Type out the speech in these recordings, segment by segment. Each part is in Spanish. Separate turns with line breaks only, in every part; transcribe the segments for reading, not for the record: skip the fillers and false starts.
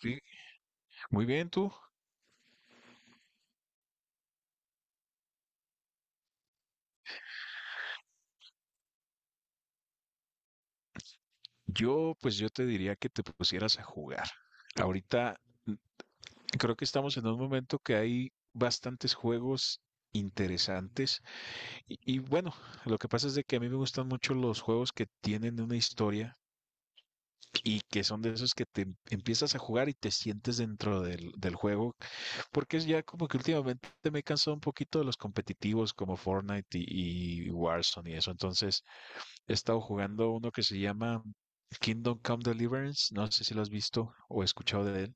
Sí, muy bien tú. Yo te diría que te pusieras a jugar. Ahorita mm, creo que estamos en un momento que hay bastantes juegos interesantes y bueno, lo que pasa es de que a mí me gustan mucho los juegos que tienen una historia y que son de esos que te empiezas a jugar y te sientes dentro del juego, porque es ya como que últimamente me he cansado un poquito de los competitivos como Fortnite y Warzone y eso, entonces he estado jugando uno que se llama Kingdom Come Deliverance, no sé si lo has visto o escuchado de él.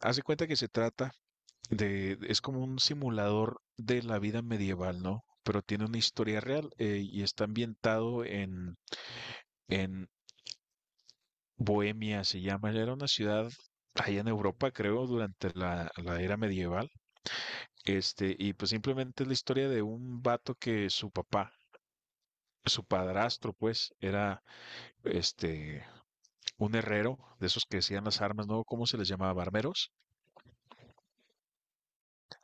Hace cuenta que se trata de, es como un simulador de la vida medieval, ¿no? Pero tiene una historia real y está ambientado en Bohemia, se llama. Era una ciudad allá en Europa, creo, durante la era medieval. Este, y pues simplemente es la historia de un vato que su papá, su padrastro, pues, era este un herrero, de esos que hacían las armas, ¿no? ¿Cómo se les llamaba? Armeros,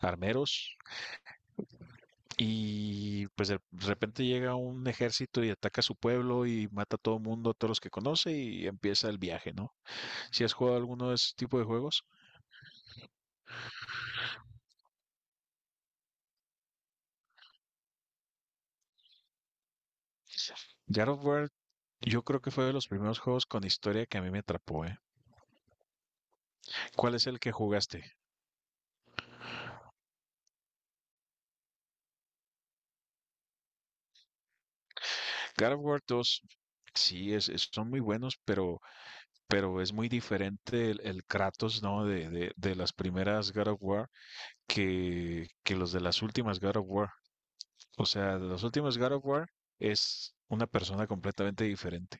armeros, y pues de repente llega un ejército y ataca su pueblo y mata a todo mundo, a todos los que conoce y empieza el viaje, ¿no? Si has jugado alguno de ese tipo de juegos, God of War, yo creo que fue de los primeros juegos con historia que a mí me atrapó, ¿eh? ¿Cuál es el que jugaste? God of War 2. Sí, es, son muy buenos, pero es muy diferente el Kratos, ¿no? De las primeras God of War que los de las últimas God of War. O sea, los últimos God of War es una persona completamente diferente.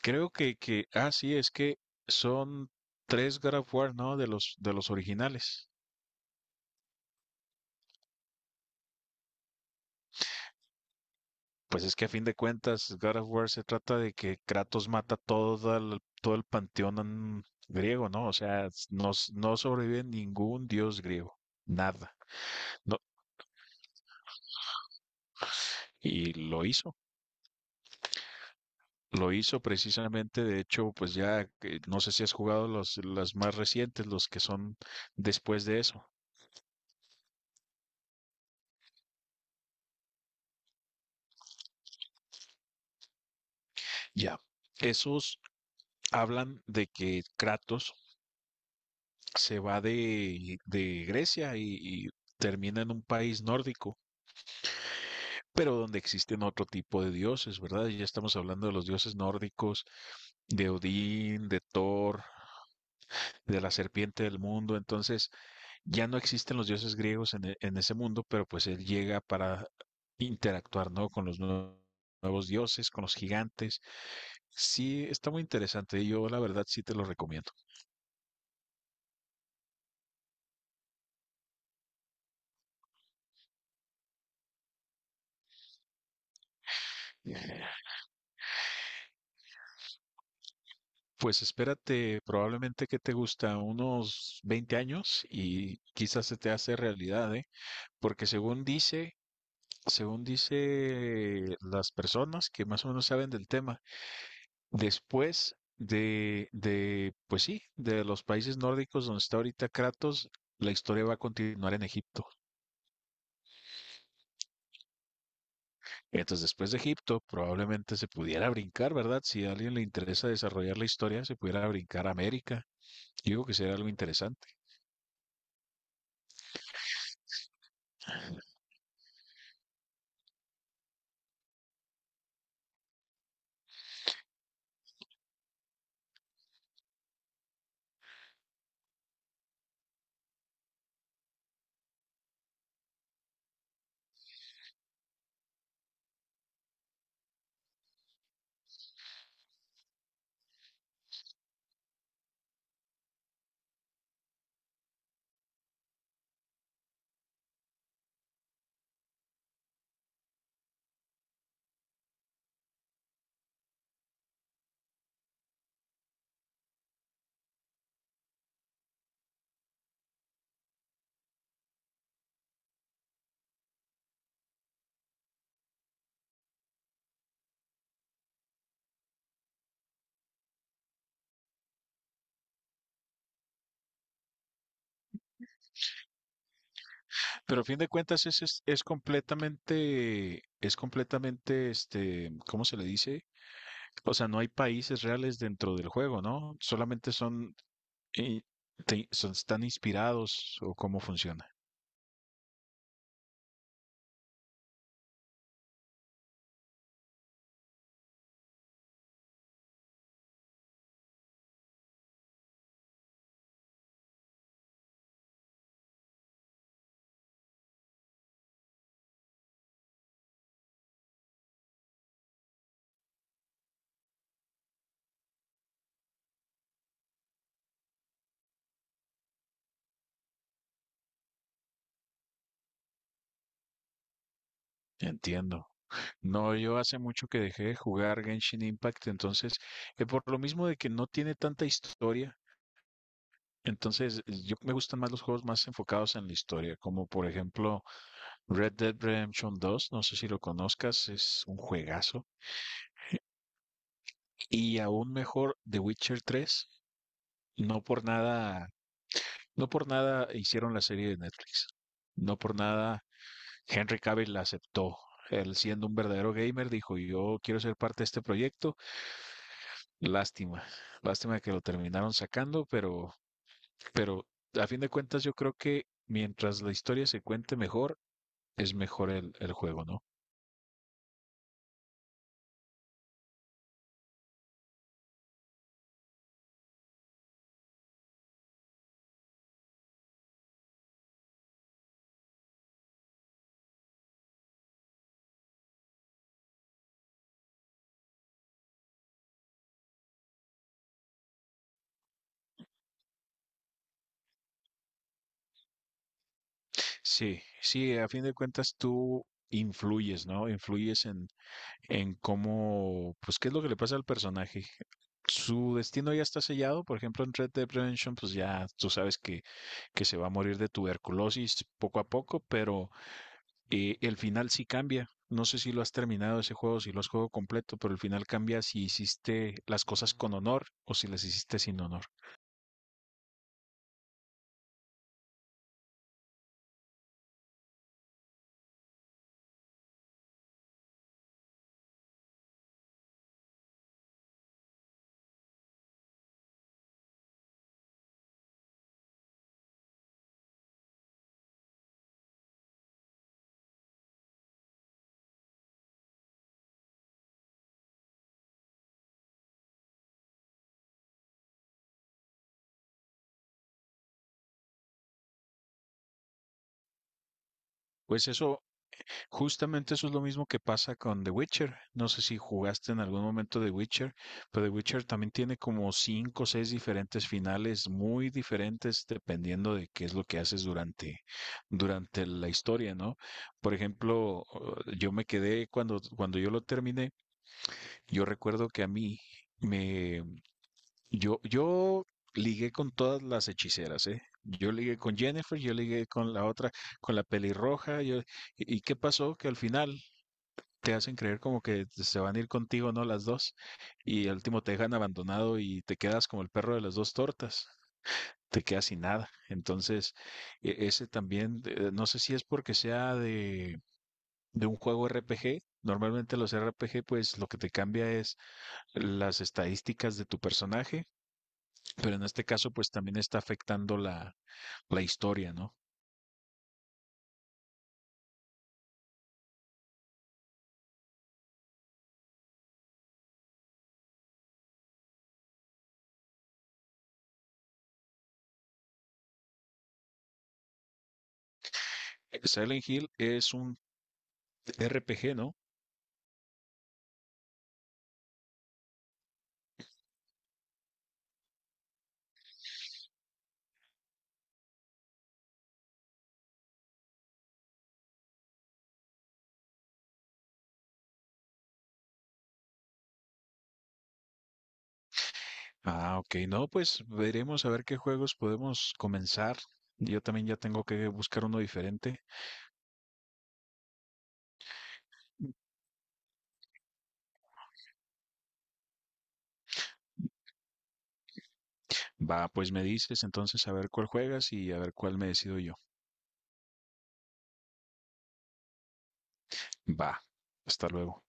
Creo que, sí, es que son 3 God of War, ¿no? De los originales. Pues es que a fin de cuentas, God of War se trata de que Kratos mata todo el panteón griego, ¿no? O sea, no, no sobrevive ningún dios griego, nada, ¿no? Y lo hizo. Lo hizo precisamente, de hecho, pues ya que- no sé si has jugado los, las más recientes, los que son después de eso. Ya. Esos hablan de que Kratos se va de Grecia y termina en un país nórdico, pero donde existen otro tipo de dioses, ¿verdad? Ya estamos hablando de los dioses nórdicos, de Odín, de Thor, de la serpiente del mundo. Entonces, ya no existen los dioses griegos en, en ese mundo, pero pues él llega para interactuar, ¿no? Con los nuevos dioses, con los gigantes. Sí, está muy interesante y yo la verdad sí te lo recomiendo. Eh, Pues espérate, probablemente que te gusta unos 20 años y quizás se te hace realidad, ¿eh? Porque según dice las personas que más o menos saben del tema, después de, pues sí, de los países nórdicos donde está ahorita Kratos, la historia va a continuar en Egipto. Entonces, después de Egipto, probablemente se pudiera brincar, ¿verdad? Si a alguien le interesa desarrollar la historia, se pudiera brincar a América. Yo digo que sería algo interesante. Pero a fin de cuentas es completamente, es completamente, este, ¿cómo se le dice? O sea, no hay países reales dentro del juego, ¿no? Solamente son, eh, están inspirados o cómo funciona. Entiendo. No, yo hace mucho que dejé de jugar Genshin Impact, entonces, por lo mismo de que no tiene tanta historia, entonces yo me gustan más los juegos más enfocados en la historia, como por ejemplo Red Dead Redemption dos, no sé si lo conozcas, es un juegazo, y aún mejor The Witcher tres, no por nada, no por nada hicieron la serie de Netflix. No por nada Henry Cavill la aceptó. Él siendo un verdadero gamer dijo, "Yo quiero ser parte de este proyecto." Lástima, lástima que lo terminaron sacando, pero a fin de cuentas yo creo que mientras la historia se cuente mejor, es mejor el juego, ¿no? Sí, sí, a fin de cuentas tú influyes, ¿no? Influyes en cómo, pues qué es lo que le pasa al personaje. Su destino ya está sellado, por ejemplo, en Red Dead Redemption, pues ya tú sabes que se va a morir de tuberculosis poco a poco, pero el final sí cambia. No sé si lo has terminado ese juego, si lo has jugado completo, pero el final cambia si hiciste las cosas con honor o si las hiciste sin honor. Pues eso, justamente eso es lo mismo que pasa con The Witcher. No sé si jugaste en algún momento The Witcher, pero The Witcher también tiene como 5 o 6 diferentes finales muy diferentes dependiendo de qué es lo que haces durante, durante la historia, ¿no? Por ejemplo, yo me quedé cuando yo lo terminé, yo recuerdo que a mí me, yo ligué con todas las hechiceras, ¿eh? Yo ligué con Jennifer, yo ligué con la otra, con la pelirroja, yo, ¿y qué pasó? Que al final te hacen creer como que se van a ir contigo, ¿no? Las dos, y al último te dejan abandonado y te quedas como el perro de las dos tortas, te quedas sin nada. Entonces, ese también, no sé si es porque sea de un juego RPG, normalmente los RPG, pues lo que te cambia es las estadísticas de tu personaje, pero en este caso pues también está afectando la, la historia, ¿no? Silent Hill es un RPG, ¿no? Ah, ok, no, pues veremos a ver qué juegos podemos comenzar. Yo también ya tengo que buscar uno diferente. Va, pues me dices entonces a ver cuál juegas y a ver cuál me decido yo. Va, hasta luego.